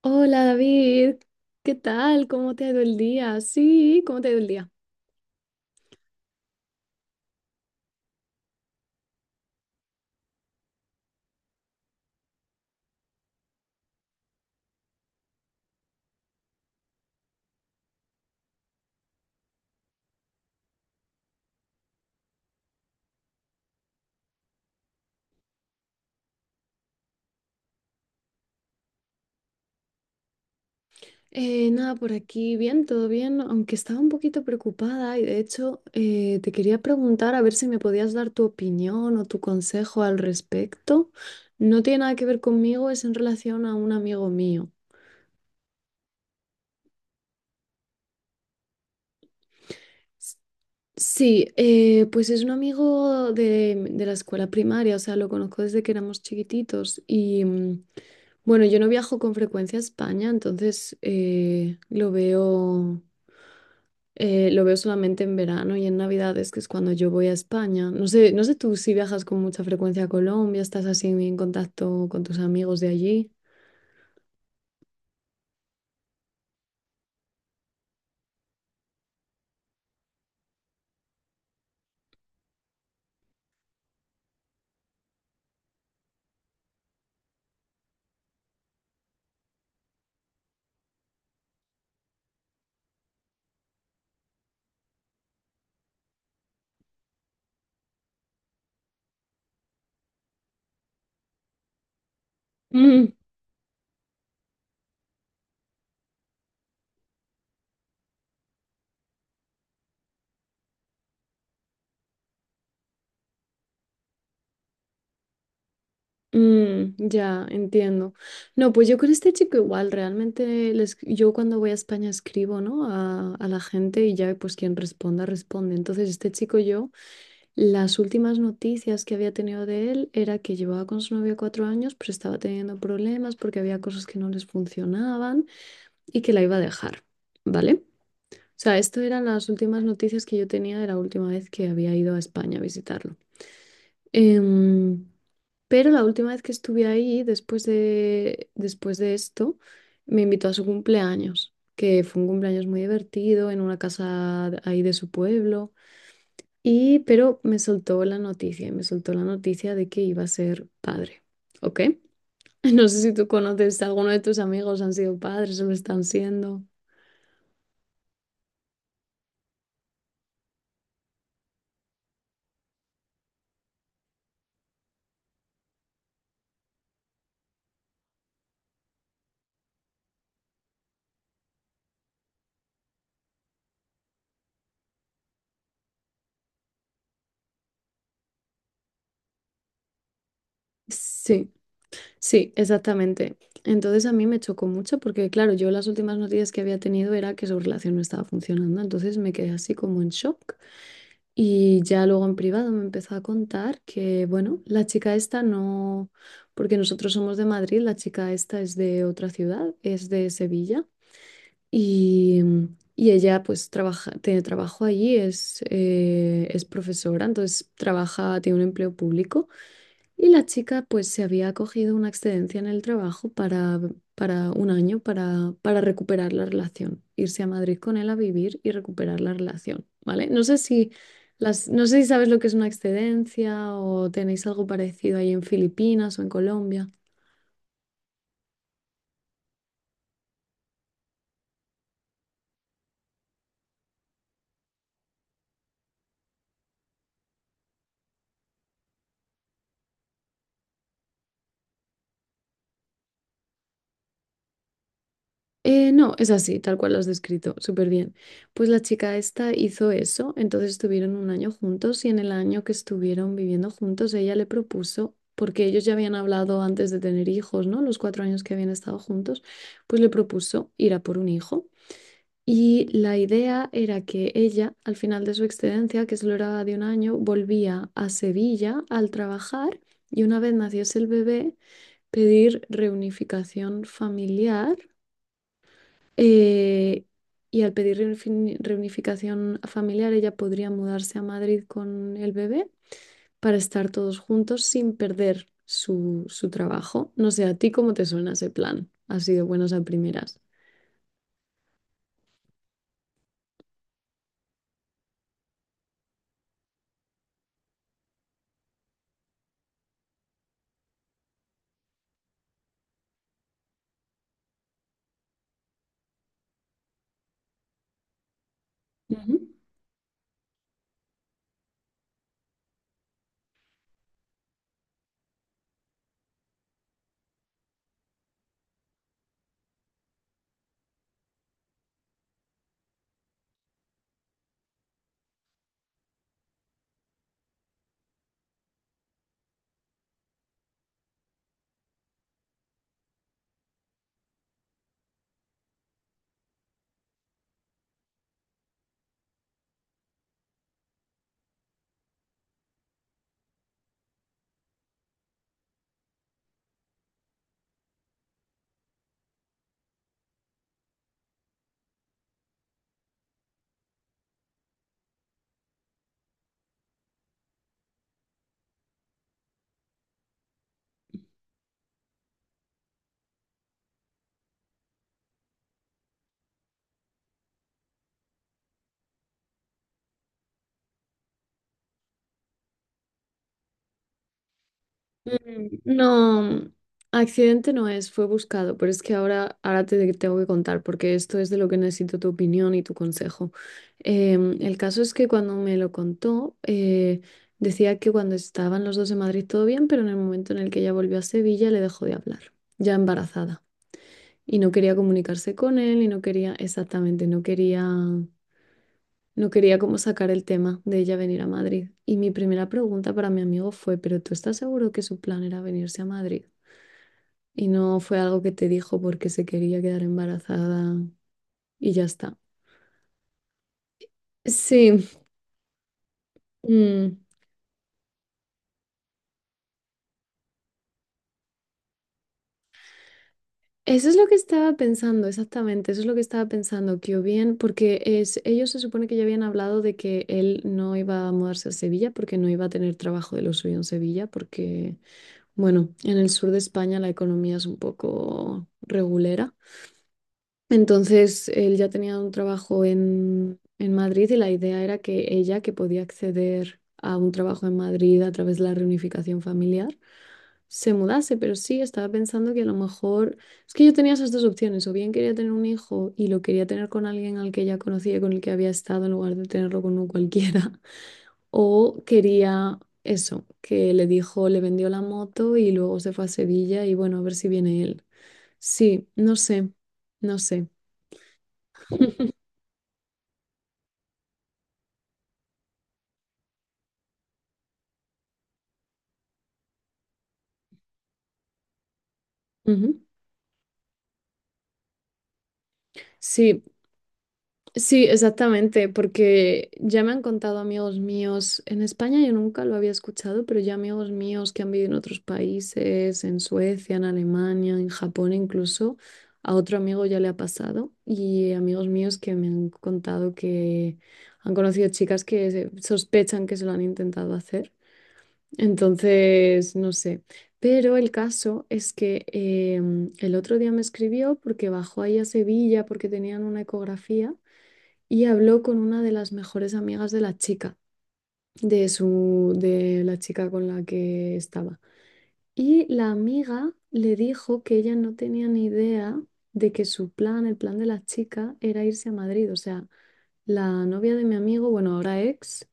Hola David, ¿qué tal? ¿Cómo te ha ido el día? Sí, ¿cómo te ha ido el día? Nada, por aquí bien, todo bien, aunque estaba un poquito preocupada y de hecho te quería preguntar a ver si me podías dar tu opinión o tu consejo al respecto. No tiene nada que ver conmigo, es en relación a un amigo mío. Sí, pues es un amigo de la escuela primaria, o sea, lo conozco desde que éramos chiquititos y bueno, yo no viajo con frecuencia a España, entonces lo veo solamente en verano y en Navidades, que es cuando yo voy a España. No sé tú si viajas con mucha frecuencia a Colombia, estás así en contacto con tus amigos de allí. Mm, ya, entiendo. No, pues yo con este chico igual, yo cuando voy a España escribo, ¿no? A la gente y ya pues quien responda, responde. Entonces este chico yo, las últimas noticias que había tenido de él era que llevaba con su novia 4 años, pero estaba teniendo problemas porque había cosas que no les funcionaban y que la iba a dejar, ¿vale? O sea, esto eran las últimas noticias que yo tenía de la última vez que había ido a España a visitarlo. Em, pero la última vez que estuve ahí, después de esto, me invitó a su cumpleaños, que fue un cumpleaños muy divertido en una ahí de su pueblo. Y me soltó la noticia de que iba a ser padre. ¿Ok? No sé si tú conoces, alguno de tus amigos han sido padres o lo están siendo. Sí, sí, exactamente. Entonces a mí me chocó mucho porque, claro, yo las últimas noticias que había tenido era que su relación no estaba funcionando, entonces me quedé así como en shock. Y ya luego en privado me empezó a contar que, bueno, la chica esta no, porque nosotros somos de Madrid, la chica esta es de otra ciudad, es de Sevilla. Y, y ella pues trabaja, tiene trabajo allí, es profesora, entonces trabaja, tiene un empleo público. Y la chica pues se había cogido una excedencia en el trabajo para un año para recuperar la relación, irse a Madrid con él a vivir y recuperar la relación, ¿vale? No sé si sabes lo que es una excedencia o tenéis algo parecido ahí en Filipinas o en Colombia. No, es así, tal cual lo has descrito, súper bien. Pues la chica esta hizo eso, entonces estuvieron un año juntos y en el año que estuvieron viviendo juntos ella le propuso, porque ellos ya habían hablado antes de tener hijos, ¿no? Los 4 años que habían estado juntos, pues le propuso ir a por un hijo. Y la idea era que ella, al final de su excedencia, que solo era de un año, volvía a Sevilla al trabajar y una vez naciese el bebé, pedir reunificación familiar eh, y al pedir reunificación familiar, ella podría mudarse a Madrid con el bebé para estar todos juntos sin perder su trabajo. No sé, ¿a ti cómo te suena ese plan? Así de buenas a primeras. Ujú. Mm, no, accidente no es, fue buscado, pero es que ahora, ahora te tengo que contar porque esto es de lo que necesito tu opinión y tu consejo. El caso es que cuando me lo contó, decía que cuando estaban los dos en Madrid todo bien, pero en el momento en el que ella volvió a Sevilla le dejó de hablar, ya embarazada. Y no quería comunicarse con él y no quería, exactamente, no quería como sacar el tema de ella venir a Madrid. Y mi primera pregunta para mi amigo fue, ¿pero tú estás seguro que su plan era venirse a Madrid? Y no fue algo que te dijo porque se quería quedar embarazada y ya está. Sí, mm, eso es lo que estaba pensando, exactamente, eso es lo que estaba pensando, que o bien, porque es, ellos se supone que ya habían hablado de que él no iba a mudarse a Sevilla porque no iba a tener trabajo de lo suyo en Sevilla, porque, bueno, en el sur de España la economía es un poco regulera. Entonces él ya tenía un trabajo en Madrid y la idea era que ella, que podía acceder a un trabajo en Madrid a través de la reunificación familiar, se mudase. Pero sí, estaba pensando que a lo mejor es que yo tenía esas dos opciones. O bien quería tener un hijo y lo quería tener con alguien al que ya conocía, y con el que había estado, en lugar de tenerlo con un cualquiera. O quería eso, que le dijo, le vendió la moto y luego se fue a Sevilla y bueno, a ver si viene él. Sí, no sé, no sé. Ujú. Sí, sí, exactamente, porque ya me han contado amigos míos en España, yo nunca lo había escuchado, pero ya amigos míos que han vivido en otros países, en Suecia, en Alemania, en Japón incluso, a otro amigo ya le ha pasado y amigos míos que me han contado que han conocido chicas sospechan que se lo han intentado hacer. Entonces, no sé. Pero el caso es que el otro día me escribió porque bajó ahí a Sevilla porque tenían una ecografía y habló con una de las mejores amigas de la chica, de la chica con la que estaba. Y la amiga le dijo que ella no tenía ni idea de que su plan, el plan de la chica, era irse a Madrid. O sea, la novia de mi amigo, bueno, ahora ex.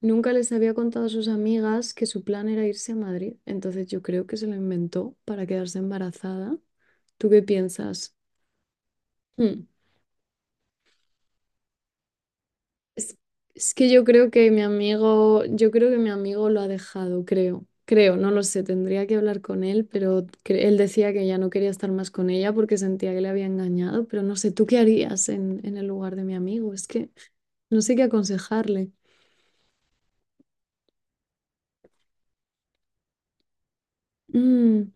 Nunca les había contado a sus amigas que su plan era irse a Madrid, entonces yo creo que se lo inventó para quedarse embarazada. ¿Tú qué piensas? Hmm. Es, es que yo creo que mi amigo, yo creo que mi amigo lo ha dejado, creo. Creo, no lo sé, tendría que hablar con él, pero él decía que ya no quería estar más con ella porque sentía que le había engañado, pero no sé, ¿tú qué harías en el lugar de mi amigo? Es que no sé qué aconsejarle. Mm,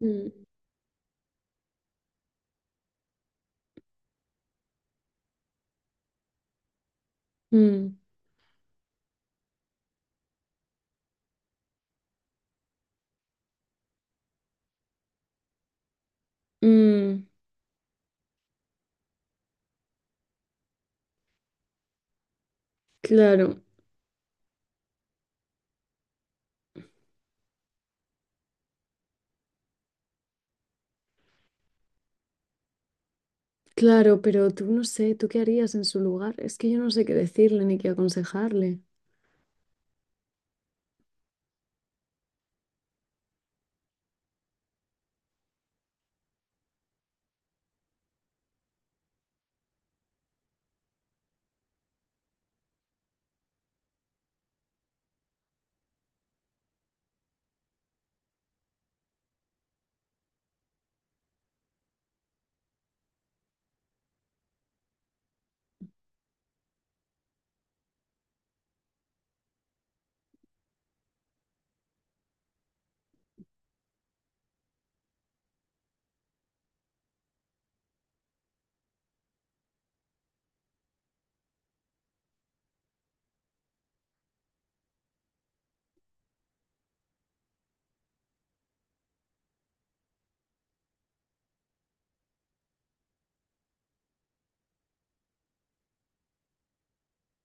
mm, mm, mm, claro. Claro, pero tú no sé, ¿tú qué harías en su lugar? Es que yo no sé qué decirle ni qué aconsejarle.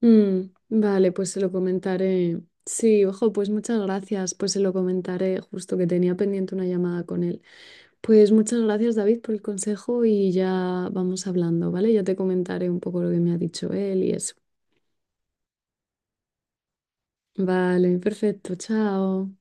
Mm, vale, pues se lo comentaré. Sí, ojo, pues muchas gracias, pues se lo comentaré, justo que tenía pendiente una llamada con él. Pues muchas gracias, David, por el consejo y ya vamos hablando, ¿vale? Ya te comentaré un poco lo que me ha dicho él y eso. Vale, perfecto, chao.